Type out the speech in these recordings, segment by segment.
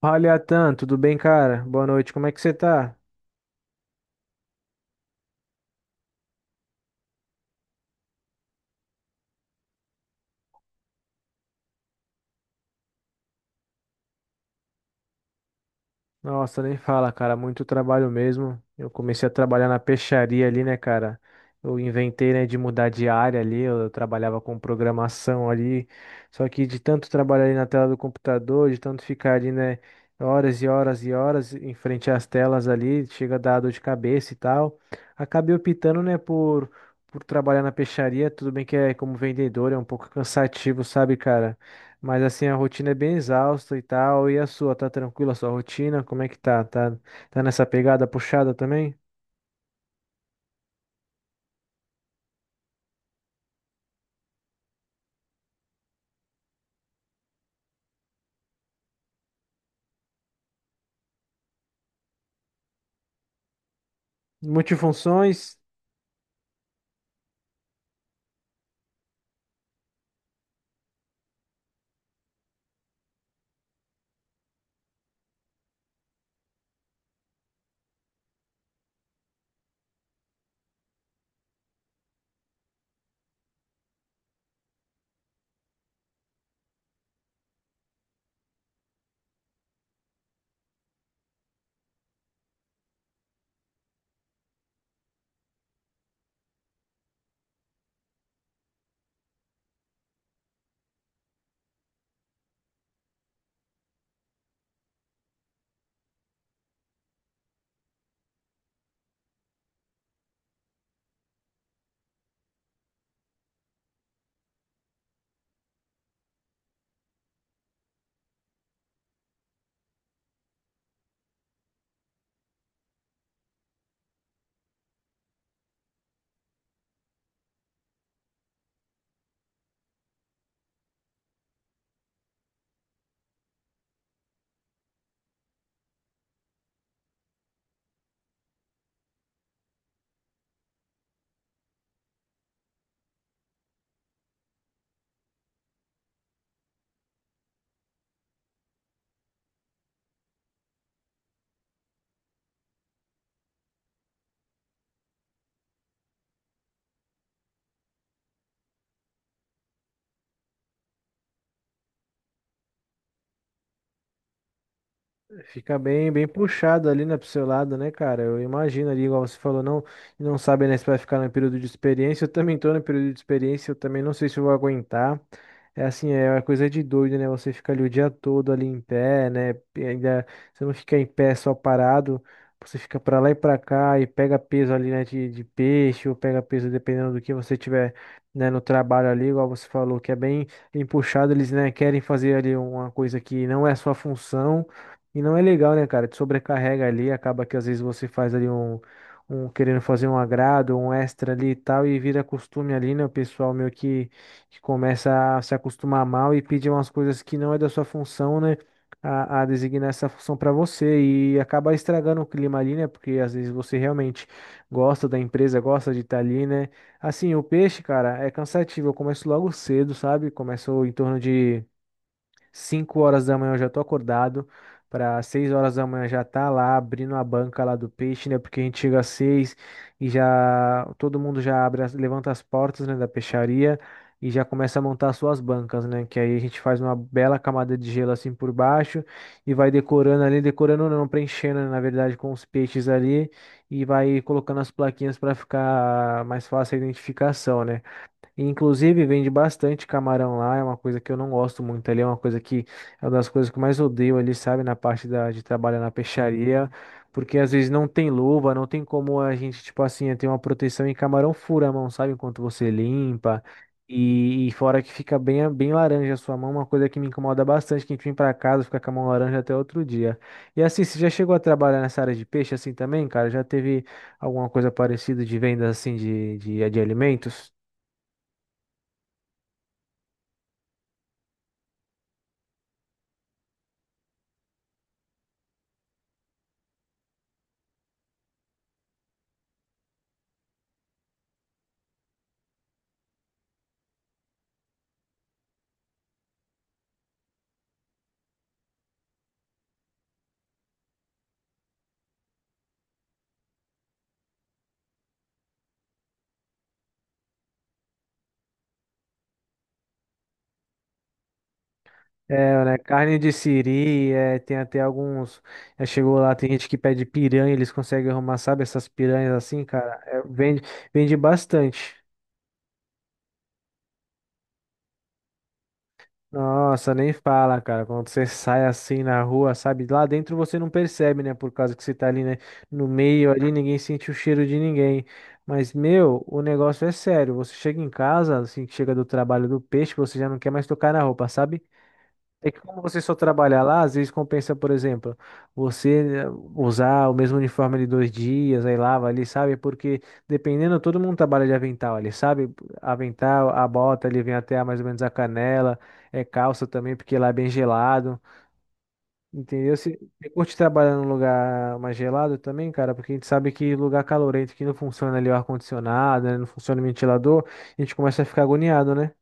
Fala, Atan, tudo bem, cara? Boa noite, como é que você tá? Nossa, nem fala, cara, muito trabalho mesmo. Eu comecei a trabalhar na peixaria ali, né, cara? Eu inventei, né, de mudar de área ali, eu trabalhava com programação ali. Só que de tanto trabalhar ali na tela do computador, de tanto ficar ali, né, horas e horas e horas em frente às telas ali, chega a dar dor de cabeça e tal. Acabei optando, né, por trabalhar na peixaria. Tudo bem que é como vendedor, é um pouco cansativo, sabe, cara? Mas assim, a rotina é bem exausta e tal. E a sua, tá tranquila a sua rotina? Como é que tá? Tá, tá nessa pegada puxada também? Multifunções? Fica bem, bem puxado ali, né, pro seu lado, né, cara? Eu imagino ali, igual você falou, não, não sabe, né, se vai ficar no período de experiência. Eu também tô no período de experiência, eu também não sei se eu vou aguentar. É assim, é uma coisa de doido, né? Você fica ali o dia todo ali em pé, né? E ainda você não fica em pé só parado, você fica pra lá e pra cá e pega peso ali, né, de peixe, ou pega peso dependendo do que você tiver, né, no trabalho ali, igual você falou, que é bem, bem puxado, eles, né, querem fazer ali uma coisa que não é a sua função. E não é legal, né, cara? Te sobrecarrega ali, acaba que às vezes você faz ali um, um querendo fazer um agrado, um extra ali e tal, e vira costume ali, né? O pessoal meio que começa a se acostumar mal e pedir umas coisas que não é da sua função, né? A designar essa função para você e acaba estragando o clima ali, né? Porque às vezes você realmente gosta da empresa, gosta de estar ali, né? Assim, o peixe, cara, é cansativo. Eu começo logo cedo, sabe? Começo em torno de 5 horas da manhã eu já tô acordado, para 6 horas da manhã já tá lá abrindo a banca lá do peixe, né? Porque a gente chega às 6 e já todo mundo já abre, as- levanta as portas, né, da peixaria e já começa a montar as suas bancas, né? Que aí a gente faz uma bela camada de gelo assim por baixo e vai decorando ali, decorando não, preenchendo, né, na verdade, com os peixes ali e vai colocando as plaquinhas para ficar mais fácil a identificação, né? Inclusive, vende bastante camarão lá, é uma coisa que eu não gosto muito ali, é uma coisa que é uma das coisas que eu mais odeio ali, sabe, na parte da, de trabalhar na peixaria, porque às vezes não tem luva, não tem como a gente, tipo assim, ter uma proteção e camarão fura a mão, sabe, enquanto você limpa, e fora que fica bem, bem laranja a sua mão, uma coisa que me incomoda bastante, que a gente vem pra casa, fica com a mão laranja até outro dia. E assim, você já chegou a trabalhar nessa área de peixe assim também, cara? Já teve alguma coisa parecida de venda assim de, de alimentos? É, né? Carne de siri, é, tem até alguns. Já chegou lá, tem gente que pede piranha, eles conseguem arrumar, sabe, essas piranhas assim, cara. É, vende, vende bastante. Nossa, nem fala, cara. Quando você sai assim na rua, sabe? Lá dentro você não percebe, né? Por causa que você tá ali, né? No meio ali, ninguém sente o cheiro de ninguém. Mas, meu, o negócio é sério. Você chega em casa, assim, que chega do trabalho do peixe, você já não quer mais tocar na roupa, sabe? É que como você só trabalhar lá, às vezes compensa, por exemplo, você usar o mesmo uniforme ali 2 dias, aí lava ali, sabe? Porque dependendo, todo mundo trabalha de avental ali, sabe? Avental, a bota ali vem até a- mais ou menos a canela, é calça também, porque lá é bem gelado, entendeu? Se você curte trabalhar num lugar mais gelado também, cara, porque a gente sabe que lugar calorento que não funciona ali o ar-condicionado, né? Não funciona o ventilador, a gente começa a ficar agoniado, né?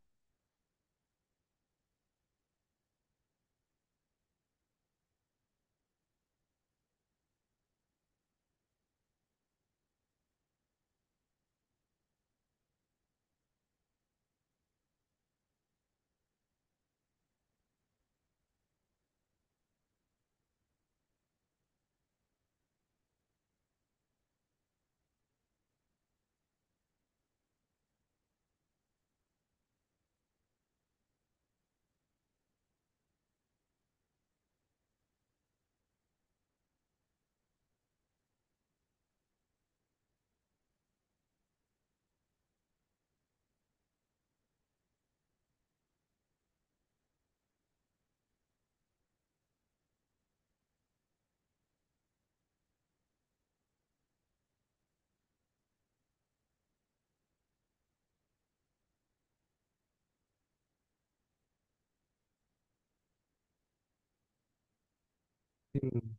Sim.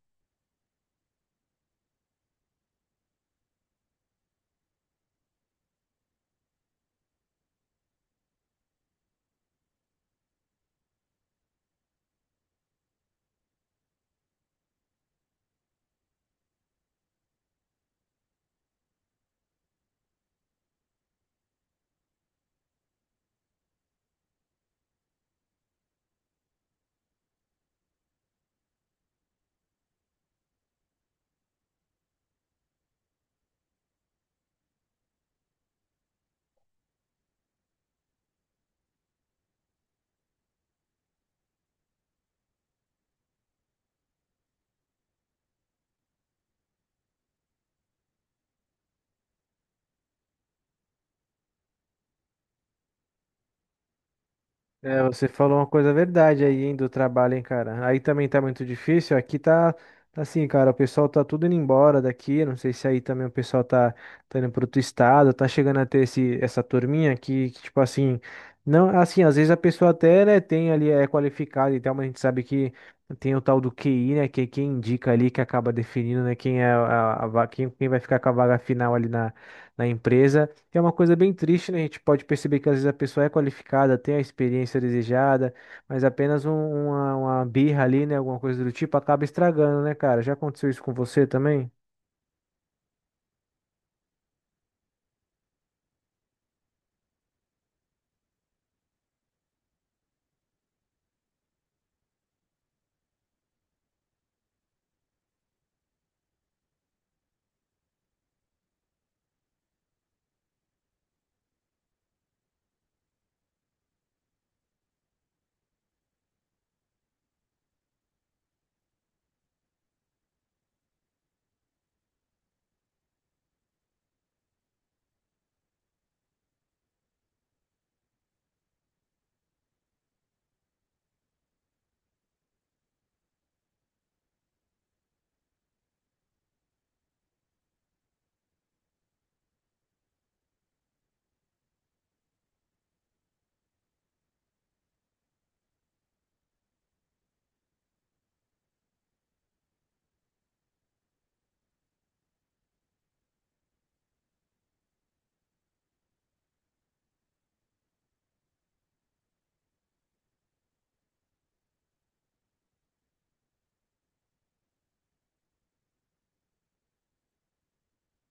É, você falou uma coisa verdade aí, hein, do trabalho, hein, cara. Aí também tá muito difícil. Aqui tá, tá assim, cara, o pessoal tá tudo indo embora daqui. Não sei se aí também o pessoal tá, tá indo pro outro estado, tá chegando a ter esse, essa turminha que, tipo assim, não, assim, às vezes a pessoa até, né, tem ali, é qualificada e tal, mas a gente sabe que tem o tal do QI, né, que é quem indica ali, que acaba definindo, né, quem é a, va- quem, quem vai ficar com a vaga final ali na, na empresa. Que é uma coisa bem triste, né? A gente pode perceber que às vezes a pessoa é qualificada, tem a experiência desejada, mas apenas um- uma birra ali, né? Alguma coisa do tipo, acaba estragando, né, cara? Já aconteceu isso com você também?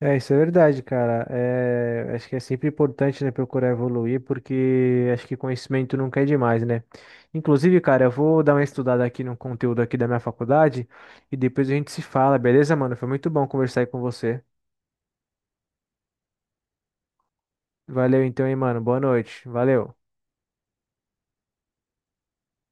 É, isso é verdade, cara. É, acho que é sempre importante, né, procurar evoluir, porque acho que conhecimento nunca é demais, né? Inclusive, cara, eu vou dar uma estudada aqui no conteúdo aqui da minha faculdade e depois a gente se fala, beleza, mano? Foi muito bom conversar aí com você. Valeu então, hein, mano. Boa noite. Valeu.